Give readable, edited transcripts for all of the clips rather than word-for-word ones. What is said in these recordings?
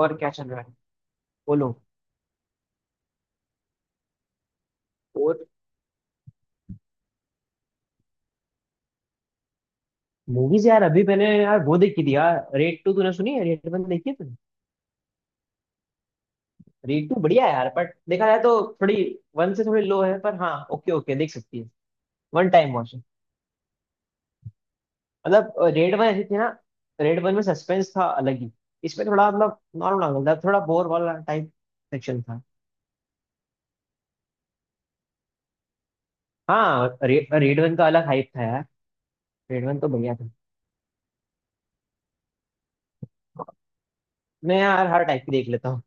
और क्या चल रहा है, बोलो। और मूवीज यार, अभी मैंने यार वो देखी थी यार, रेड टू तूने सुनी है? रेड वन देखी है तूने? रेड टू बढ़िया है यार, बट देखा जाए तो थोड़ी, वन से थोड़ी लो है। पर हाँ, ओके ओके, देख सकती है। वन टाइम वॉच है। मतलब रेड वन ऐसी थी ना, रेड वन में सस्पेंस था अलग ही। इसमें थोड़ा मतलब नॉर्मल नॉर्मल था, थोड़ा बोर वाला टाइप सेक्शन था। हाँ रे, रेड वन का अलग हाइप था यार। रेड वन तो बढ़िया था। मैं यार हर टाइप की देख लेता हूँ,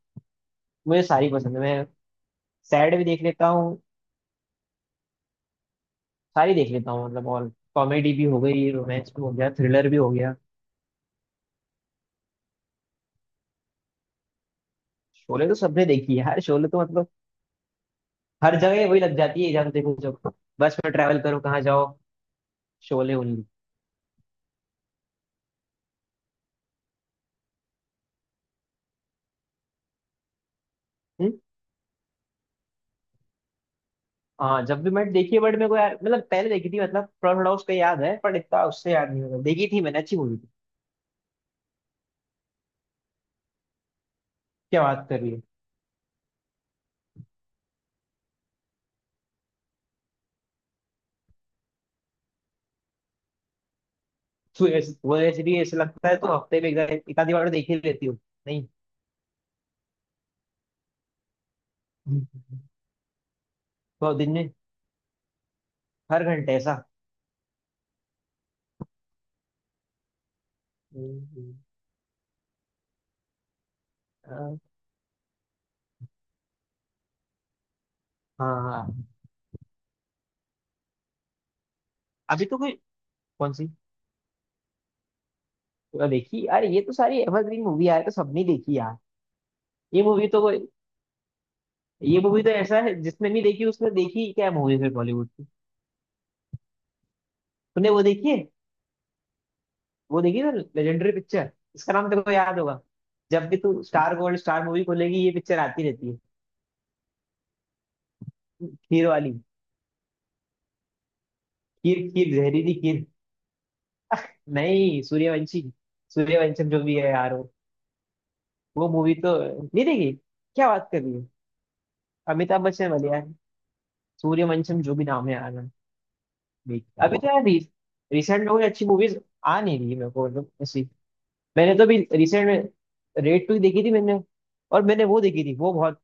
मुझे सारी पसंद है। मैं सैड भी देख लेता हूँ, सारी देख लेता हूँ मतलब। और कॉमेडी भी हो गई, रोमांस भी हो गया, थ्रिलर भी हो गया। शोले तो सबने देखी है यार, शोले तो मतलब हर जगह वही लग जाती है। जहाँ देखो, जब बस में ट्रैवल करो, कहाँ जाओ, शोले ओनली। हम्म। हाँ, जब भी मैंने देखी है, बट मेरे को यार मतलब पहले देखी थी, मतलब थोड़ा थोड़ा उसका याद है, पर इतना उससे याद नहीं होगा। देखी थी मैंने, अच्छी मूवी थी। क्या बात कर रही है। वो ऐसे भी ऐसे लगता है तो हफ्ते में एक आधी बार तो देख ही लेती हो? नहीं, तो दिन में हर घंटे ऐसा? हम्म, हम्म। हाँ, हाँ। अभी तो कोई कौन सी? तो देखी, अरे ये तो सारी एवरग्रीन मूवी है, तो सबने देखी यार। ये मूवी तो कोई- ये मूवी तो ऐसा है जिसने नहीं देखी उसने देखी क्या मूवी फिर बॉलीवुड की। तूने वो देखी है, वो देखी ना, लेजेंडरी पिक्चर। इसका नाम तेरे को याद होगा। जब भी तू स्टार गोल्ड स्टार मूवी खोलेगी, ये पिक्चर आती रहती है। खीर वाली। खीर खीर जहरीली खीर। नहीं, सूर्यवंशी, सूर्यवंशम जो भी है यार वो। वो मूवी तो नहीं देखी? क्या बात कर रही है। अमिताभ बच्चन वाली यार, सूर्यवंशम जो भी नाम है यार। अभी तो यार रिसेंट में कोई अच्छी मूवीज आ नहीं रही है मेरे को, मतलब ऐसी। मैंने तो अभी रिसेंट में रेड टू देखी थी मैंने। और मैंने वो देखी थी, वो बहुत।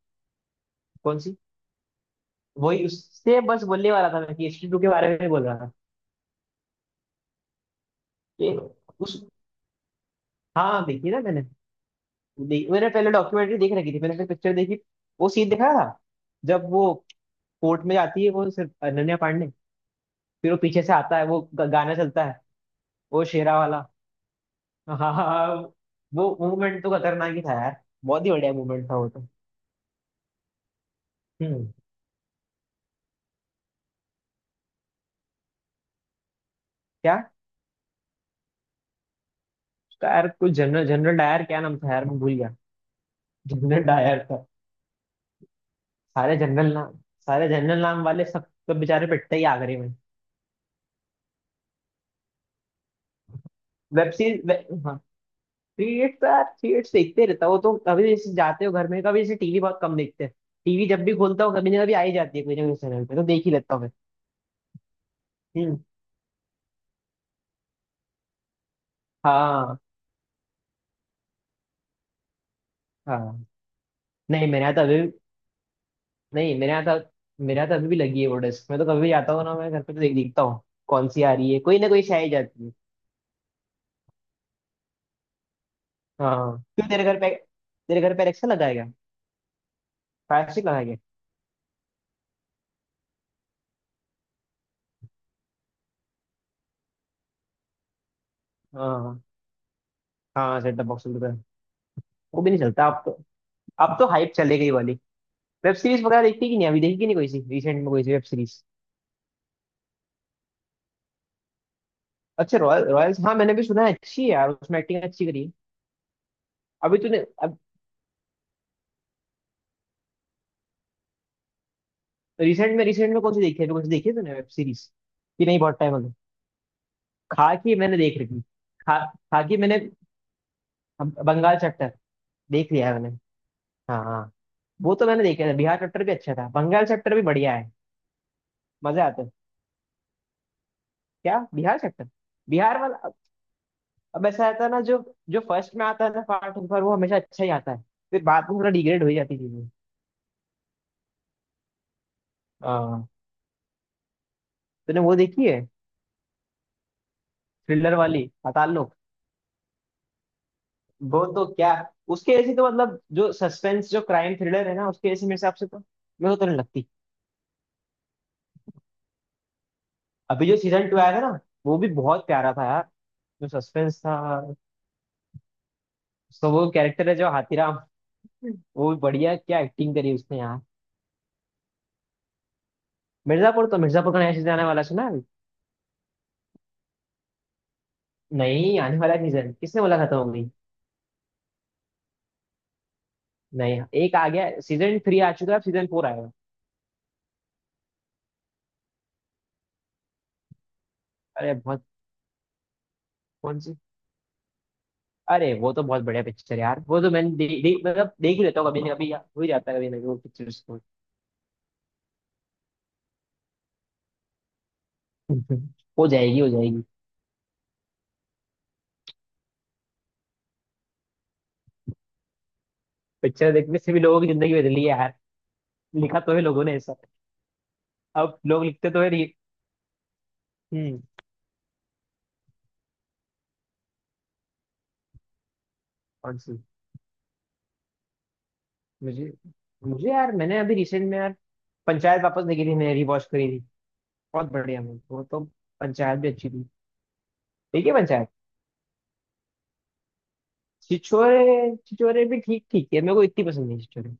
कौन सी? वही, उससे बस बोलने वाला था मैं कि एच टू के बारे में बोल रहा था। कि उस, हाँ देखी ना मैंने। देख, मैंने पहले डॉक्यूमेंट्री देख रखी थी, मैंने फिर पिक्चर देखी। वो सीन दिखा था जब वो कोर्ट में जाती है, वो सिर्फ अनन्या पांडे। फिर वो पीछे से आता है, वो गाना चलता है, वो शेरा वाला। हाँ हाँ हाँ, वो मूवमेंट तो खतरनाक ही था यार, बहुत ही बढ़िया मूवमेंट था वो तो। हम्म। क्या? उसका यार कोई जनरल, जनरल डायर, क्या नाम था यार, मैं भूल गया। जनरल डायर था। सारे जनरल नाम, सारे जनरल नाम वाले सब सब बेचारे पिटते ही आखिरी में। वेब सीरीज वे, हाँ, थ्री इडियट्स तो यार, थ्री इडियट्स देखते रहता हूँ। वो तो कभी जैसे जाते हो घर में, कभी जैसे टीवी बहुत कम देखते हैं। टीवी जब भी खोलता हूँ, कभी ना कभी आ ही जाती है, कोई ना कोई चैनल पे तो देख ही लेता हूँ मैं। हम्म। हाँ, हाँ। नहीं मेरे यहाँ तो अभी, नहीं मेरे यहाँ तो, मेरे यहाँ तो अभी भी लगी है वो डिस्क। मैं तो कभी भी जाता हूँ ना मैं घर पे, तो देखता हूँ। कौन सी आ रही है, कोई ना कोई शायद जाती है। हाँ क्यों, तेरे घर पे, तेरे घर पे एलेक्सा लगा है क्या? फायर स्टिक लगा है क्या? हाँ। हाँ, सेट टॉप बॉक्स पे। वो भी नहीं चलता अब तो। अब तो हाइप चले गई वाली। वेब सीरीज वगैरह देखती है कि नहीं? अभी देखी कि नहीं कोई सी रिसेंट में, कोई सी वेब सीरीज? अच्छा, रॉयल, रॉयल्स, हाँ मैंने भी सुना है अच्छी है यार, उसमें एक्टिंग अच्छी करी है। अभी तूने, अब रिसेंट में, रिसेंट में कौन सी देखी है अभी, कौन सी देखी है तूने वेब सीरीज? कि नहीं, बहुत टाइम हो गया? खाकी मैंने देख रखी। खा खाकी मैंने बंगाल चैप्टर देख लिया है मैंने। हाँ हाँ। वो तो मैंने देखा था, बिहार चैप्टर भी अच्छा था, बंगाल चैप्टर भी बढ़िया है। मजा आता है। क्या, बिहार कैप्टन? बिहार वाला अब ऐसा आता है ना, जो जो फर्स्ट में आता है ना पार्ट, पर वो हमेशा अच्छा ही आता है। फिर बाद में थोड़ा डिग्रेड हो ही जाती है चीजें। हाँ। तूने वो देखी है, थ्रिलर वाली, अतालोक? वो तो क्या, उसके ऐसी तो मतलब जो सस्पेंस जो क्राइम थ्रिलर है ना, उसके ऐसी मेरे हिसाब से तो, मेरे को तो नहीं लगती। अभी जो सीजन टू आया था ना, वो भी बहुत प्यारा था यार। जो सस्पेंस था, उसका वो कैरेक्टर है जो हाथीराम, वो भी बढ़िया, क्या एक्टिंग करी उसने यार। मिर्जापुर तो, मिर्जापुर का नया सीजन आने वाला है, सुना है अभी? नहीं आने वाला सीजन, किसने बोला खत्म हो गई? नहीं एक आ गया, सीजन थ्री आ चुका है, अब सीजन फोर आएगा। अरे बहुत। कौन सी? अरे वो तो बहुत बढ़िया पिक्चर है यार, वो तो मैंने दे, दे, मतलब देख ही लेता हूँ कभी ना कभी यार, हो ही जाता है कभी ना कभी वो पिक्चर्स तो। हो जाएगी, हो जाएगी। पिक्चर देखने से भी लोगों की जिंदगी बदली है यार। लिखा तो है लोगों ने ऐसा। अब लोग लिखते तो है री- हम्म। कौन सी? मुझे, मुझे यार मैंने अभी रिसेंट में यार पंचायत वापस देखी थी मैंने, रिवॉच करी थी। बहुत बढ़िया मूवी वो तो, पंचायत भी अच्छी थी। देखिए पंचायत। छिछोरे, छिछोरे भी ठीक ठीक है, मेरे को इतनी पसंद नहीं छिछोरे।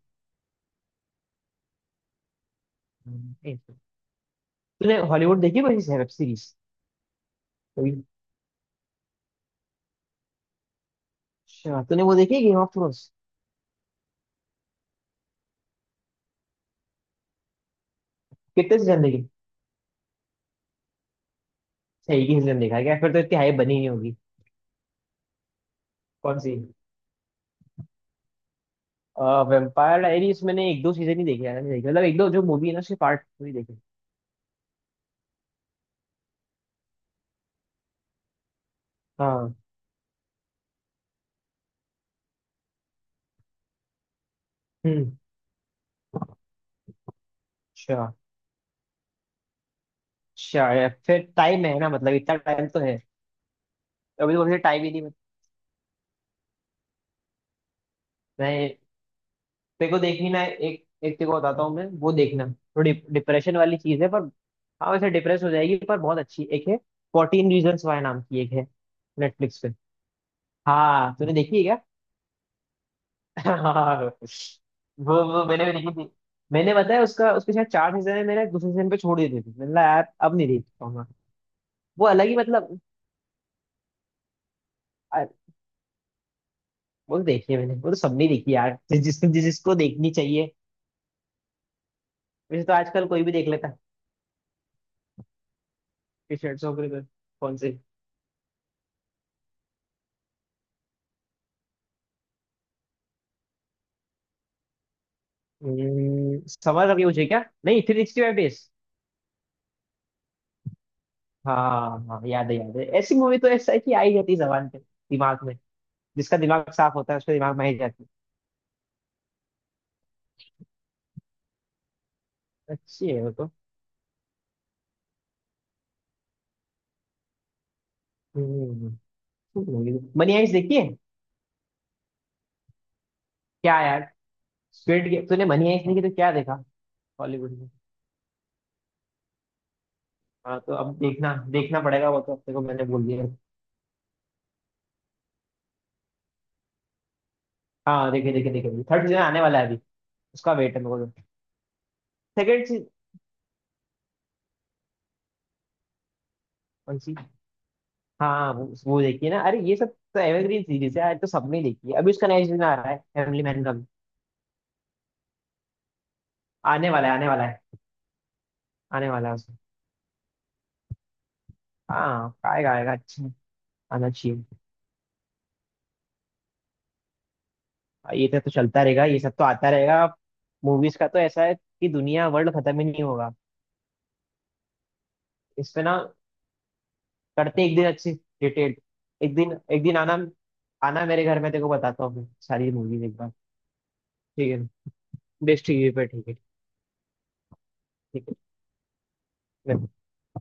हम्म। एक। तूने हॉलीवुड देखी कोई वेब सीरीज? कोई अच्छा, तूने वो देखी, गेम ऑफ थ्रोन्स? कितने सीजन देखे? अच्छा, एक ही सीजन देखा है क्या, फिर तो इतनी हाइप बनी नहीं होगी। कौन सी? वेम्पायर डायरीज मैंने एक दो सीजन ही देखे यार, मैंने देखे मतलब एक दो जो मूवी है ना उसके पार्ट ही देखे। हाँ। हम्म। अच्छा, अच्छा यार, फिर टाइम है ना, मतलब इतना टाइम तो है। अभी तो टाइम ही नहीं बचा। मैं, देखो, देखी ना, एक एक तेको बताता हूँ मैं, वो देखना। थोड़ी डिप्रेशन वाली चीज है, पर हाँ वैसे डिप्रेस हो जाएगी, पर बहुत अच्छी एक है। फोर्टीन रीजन्स वाई नाम की एक है, नेटफ्लिक्स पे। हाँ, तूने देखी है क्या? हाँ, वो मैंने भी देखी थी। मैंने बताया उसका, उसके शायद चार सीजन है, मैंने दूसरे सीजन पे छोड़ दिए थे, मैंने कहा यार अब नहीं देख पाऊंगा। वो अलग ही मतलब। आ, वो तो देखी है मैंने, वो तो सबने देखी यार, जिस जिस जिसको देखनी चाहिए। वैसे तो आजकल कोई भी देख लेता है, टी शर्ट्स वगैरह। कौन से? समर करके मुझे क्या, नहीं, थ्री सिक्सटी फाइव डेज। हाँ हाँ, याद है, याद है, ऐसी मूवी तो ऐसा है कि आ ही जाती है जबान पे, दिमाग में। जिसका दिमाग साफ होता है उसके दिमाग में आ ही जाती। है अच्छी है वो तो। हम्म। मनी हाइस्ट देखी है? क्या यार, स्क्विड गेम, तूने मनी हाइस्ट देखी तो क्या देखा हॉलीवुड में। हाँ, तो अब देखना, देखना पड़ेगा वो तो, अपने को मैंने बोल दिया। हाँ देखे देखे देखे, थर्ड सीजन आने वाला है अभी, उसका वेट है मेरे को। Second season. कौन सी? हाँ वो देखिए ना, अरे ये सब तो एवरग्रीन सीरीज है, आज तो सबने देखी है। अभी उसका नया सीजन आ रहा है, फैमिली मैन का भी। आने वाला है, आने वाला है, आने वाला है उसका। हाँ आएगा, आएगा अच्छा, आना चाहिए। और तो चलता रहेगा, ये सब तो आता रहेगा। मूवीज का तो ऐसा है कि दुनिया वर्ल्ड खत्म ही नहीं होगा इस पे ना। करते एक दिन अच्छी डिटेल, एक दिन, एक दिन आना, आना मेरे घर में, तेरे को बताता हूँ मैं सारी मूवीज एक बार। ठीक है ना? बेस्ट टीवी पे, ठीक है। ठीक है।